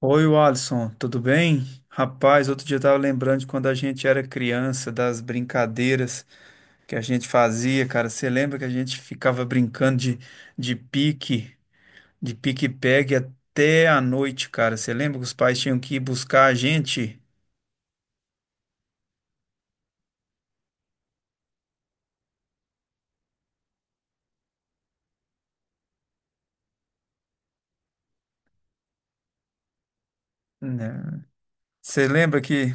Oi, Alisson, tudo bem? Rapaz, outro dia eu tava lembrando de quando a gente era criança, das brincadeiras que a gente fazia, cara. Você lembra que a gente ficava brincando de pique, de pique-pegue até a noite, cara? Você lembra que os pais tinham que ir buscar a gente? Né? Você lembra que,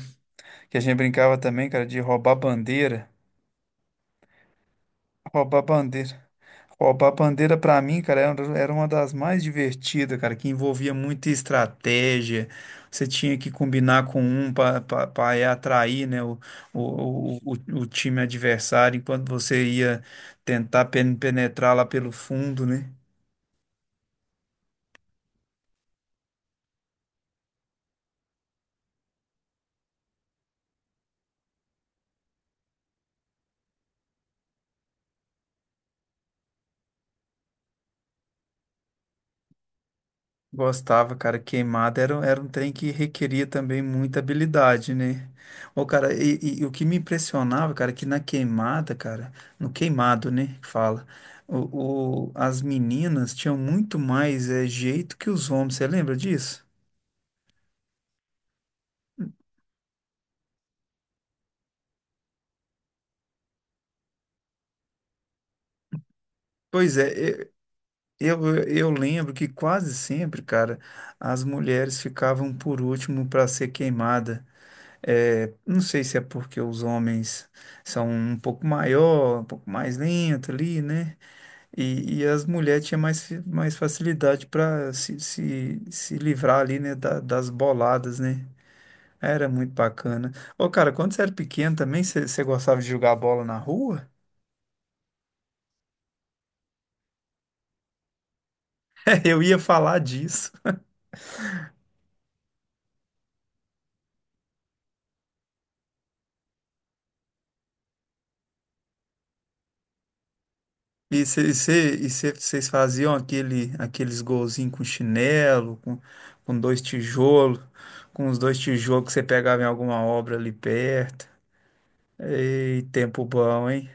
que a gente brincava também, cara, de roubar bandeira? Roubar bandeira. Roubar a bandeira pra mim, cara, era uma das mais divertidas, cara, que envolvia muita estratégia. Você tinha que combinar com um para atrair, né, o time adversário, enquanto você ia tentar penetrar lá pelo fundo, né? Gostava, cara, queimada era um trem que requeria também muita habilidade, né? Ô, cara, e o que me impressionava, cara, é que na queimada, cara, no queimado, né, que fala, as meninas tinham muito mais jeito que os homens, você lembra disso? Pois é, e- eu lembro que quase sempre, cara, as mulheres ficavam por último para ser queimada. É, não sei se é porque os homens são um pouco maior, um pouco mais lento ali, né? E as mulheres tinham mais, mais facilidade para se livrar ali, né? Das boladas, né? Era muito bacana. Ô, cara, quando você era pequeno também, você gostava de jogar bola na rua? Eu ia falar disso. E vocês faziam aqueles golzinhos com chinelo, com dois tijolos, com os dois tijolos que você pegava em alguma obra ali perto. Ei, tempo bom, hein?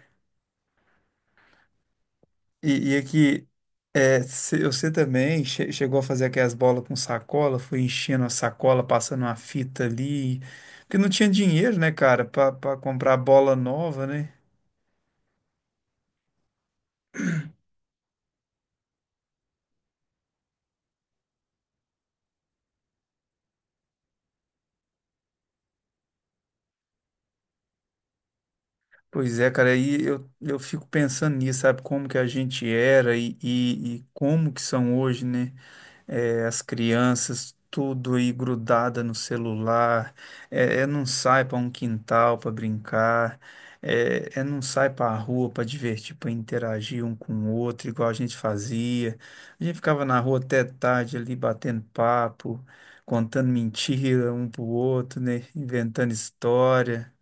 E aqui, é, você também chegou a fazer aquelas bolas com sacola, foi enchendo a sacola, passando uma fita ali. Porque não tinha dinheiro, né, cara, pra comprar bola nova, né? Pois é, cara, aí eu fico pensando nisso, sabe, como que a gente era e como que são hoje, né? É, as crianças, tudo aí grudada no celular, é não sai para um quintal para brincar, é não sai para a rua para divertir, para interagir um com o outro, igual a gente fazia. A gente ficava na rua até tarde ali batendo papo, contando mentira um pro outro, né? Inventando história.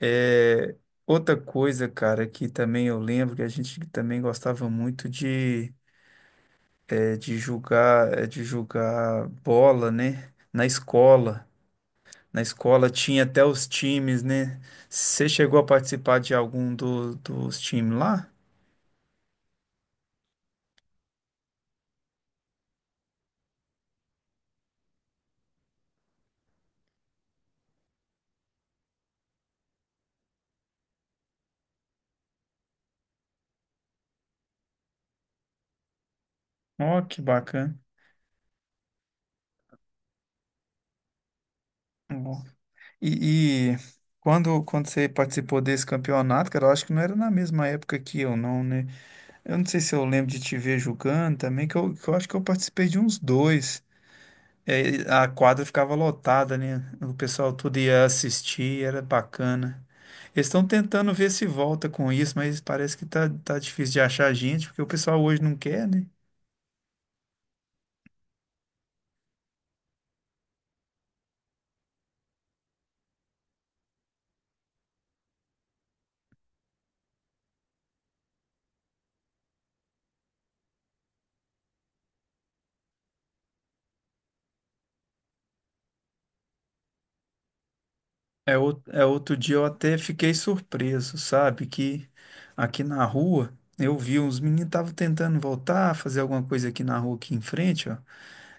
É, outra coisa, cara, que também eu lembro que a gente também gostava muito de, é, de jogar bola, né? Na escola. Na escola tinha até os times, né? Você chegou a participar de algum dos times lá? Ó, que bacana. Ó. E, e Quando, quando você participou desse campeonato, cara, eu acho que não era na mesma época que eu, não, né? Eu não sei se eu lembro de te ver jogando também, que eu acho que eu participei de uns dois. É, a quadra ficava lotada, né? O pessoal tudo ia assistir, era bacana. Eles estão tentando ver se volta com isso, mas parece que tá difícil de achar gente, porque o pessoal hoje não quer, né? É, é outro dia eu até fiquei surpreso, sabe? Que aqui na rua eu vi uns meninos estavam tentando voltar, fazer alguma coisa aqui na rua aqui em frente, ó.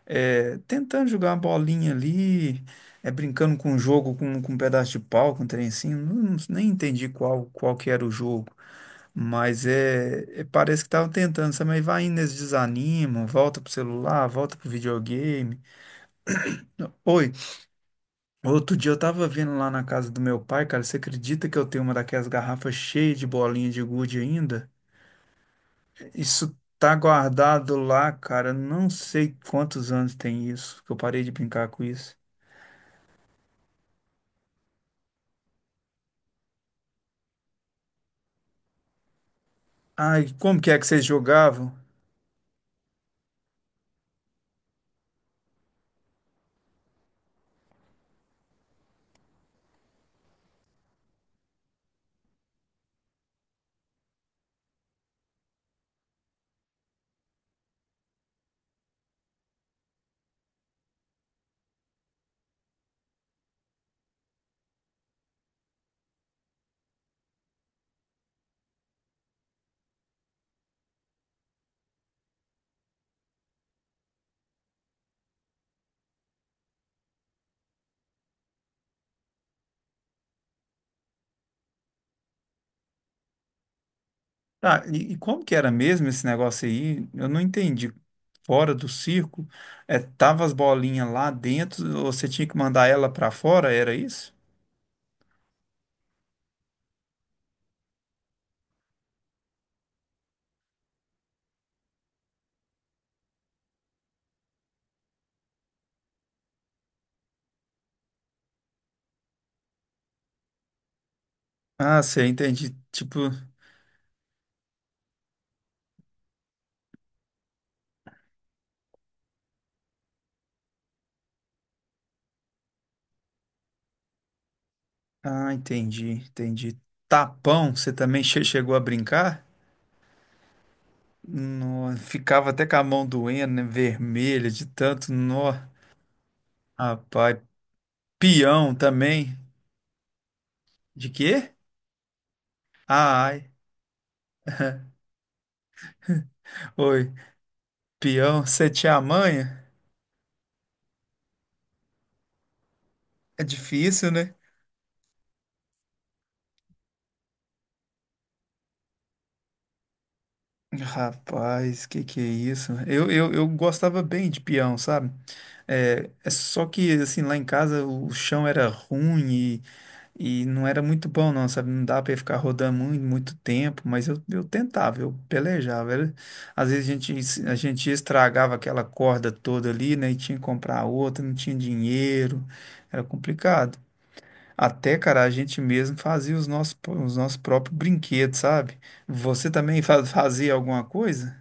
É, tentando jogar uma bolinha ali, é, brincando com um jogo, com um pedaço de pau, com um trencinho, nem entendi qual, qual que era o jogo, mas é, parece que estavam tentando, sabe? Mas vai indo, eles desanimam, volta pro celular, volta pro videogame. Não. Oi, outro dia eu tava vendo lá na casa do meu pai, cara, você acredita que eu tenho uma daquelas garrafas cheias de bolinha de gude ainda? Isso tá guardado lá, cara, não sei quantos anos tem isso, que eu parei de brincar com isso. Ah, e como que é que vocês jogavam? Ah, e como que era mesmo esse negócio aí? Eu não entendi. Fora do circo, é, tava as bolinhas lá dentro, você tinha que mandar ela pra fora, era isso? Ah, você entendi. Tipo, ah, entendi, entendi. Tapão, você também chegou a brincar? Nó, ficava até com a mão doendo, né? Vermelha de tanto nó. Rapaz, peão também. De quê? Ah, ai. Oi, peão, você tinha a manha? É difícil, né? Rapaz, que é isso? Eu gostava bem de peão, sabe? É, é só que, assim, lá em casa o chão era ruim e não era muito bom, não, sabe? Não dava pra eu ficar rodando muito, muito tempo, mas eu tentava, eu pelejava. Era- Às vezes a gente estragava aquela corda toda ali, né? E tinha que comprar outra, não tinha dinheiro, era complicado. Até, cara, a gente mesmo fazia os nossos próprios brinquedos, sabe? Você também fazia alguma coisa?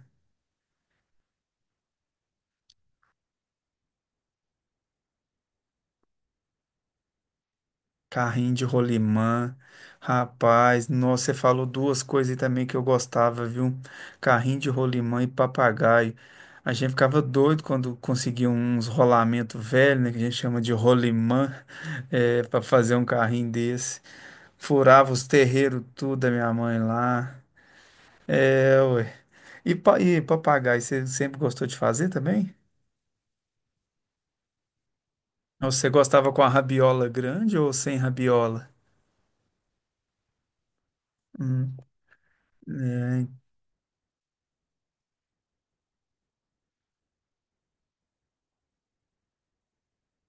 Carrinho de rolimã. Rapaz, nossa, você falou duas coisas aí também que eu gostava, viu? Carrinho de rolimã e papagaio. A gente ficava doido quando conseguia uns rolamentos velhos, né? Que a gente chama de rolimã, é, para fazer um carrinho desse. Furava os terreiros tudo da minha mãe lá. É, ué. E, e papagaio, você sempre gostou de fazer também? Ou você gostava com a rabiola grande ou sem rabiola? Hum,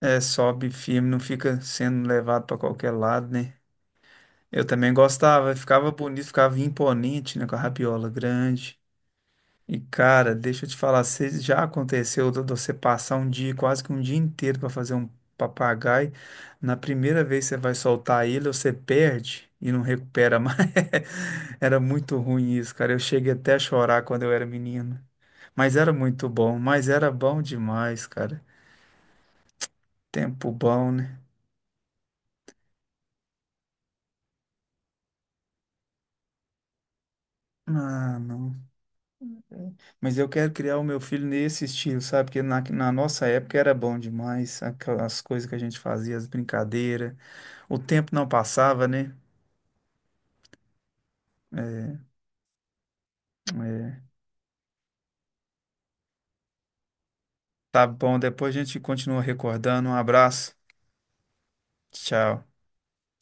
é, sobe firme, não fica sendo levado para qualquer lado, né? Eu também gostava, ficava bonito, ficava imponente, né, com a rabiola grande. E cara, deixa eu te falar, se já aconteceu de você passar um dia, quase que um dia inteiro para fazer um papagaio, na primeira vez que você vai soltar ele, você perde e não recupera mais. Era muito ruim isso, cara. Eu cheguei até a chorar quando eu era menino. Mas era muito bom, mas era bom demais, cara. Tempo bom, né? Ah, não. Mas eu quero criar o meu filho nesse estilo, sabe? Porque na nossa época era bom demais, aquelas coisas que a gente fazia, as brincadeiras. O tempo não passava, né? É, é. Tá bom, depois a gente continua recordando. Um abraço. Tchau.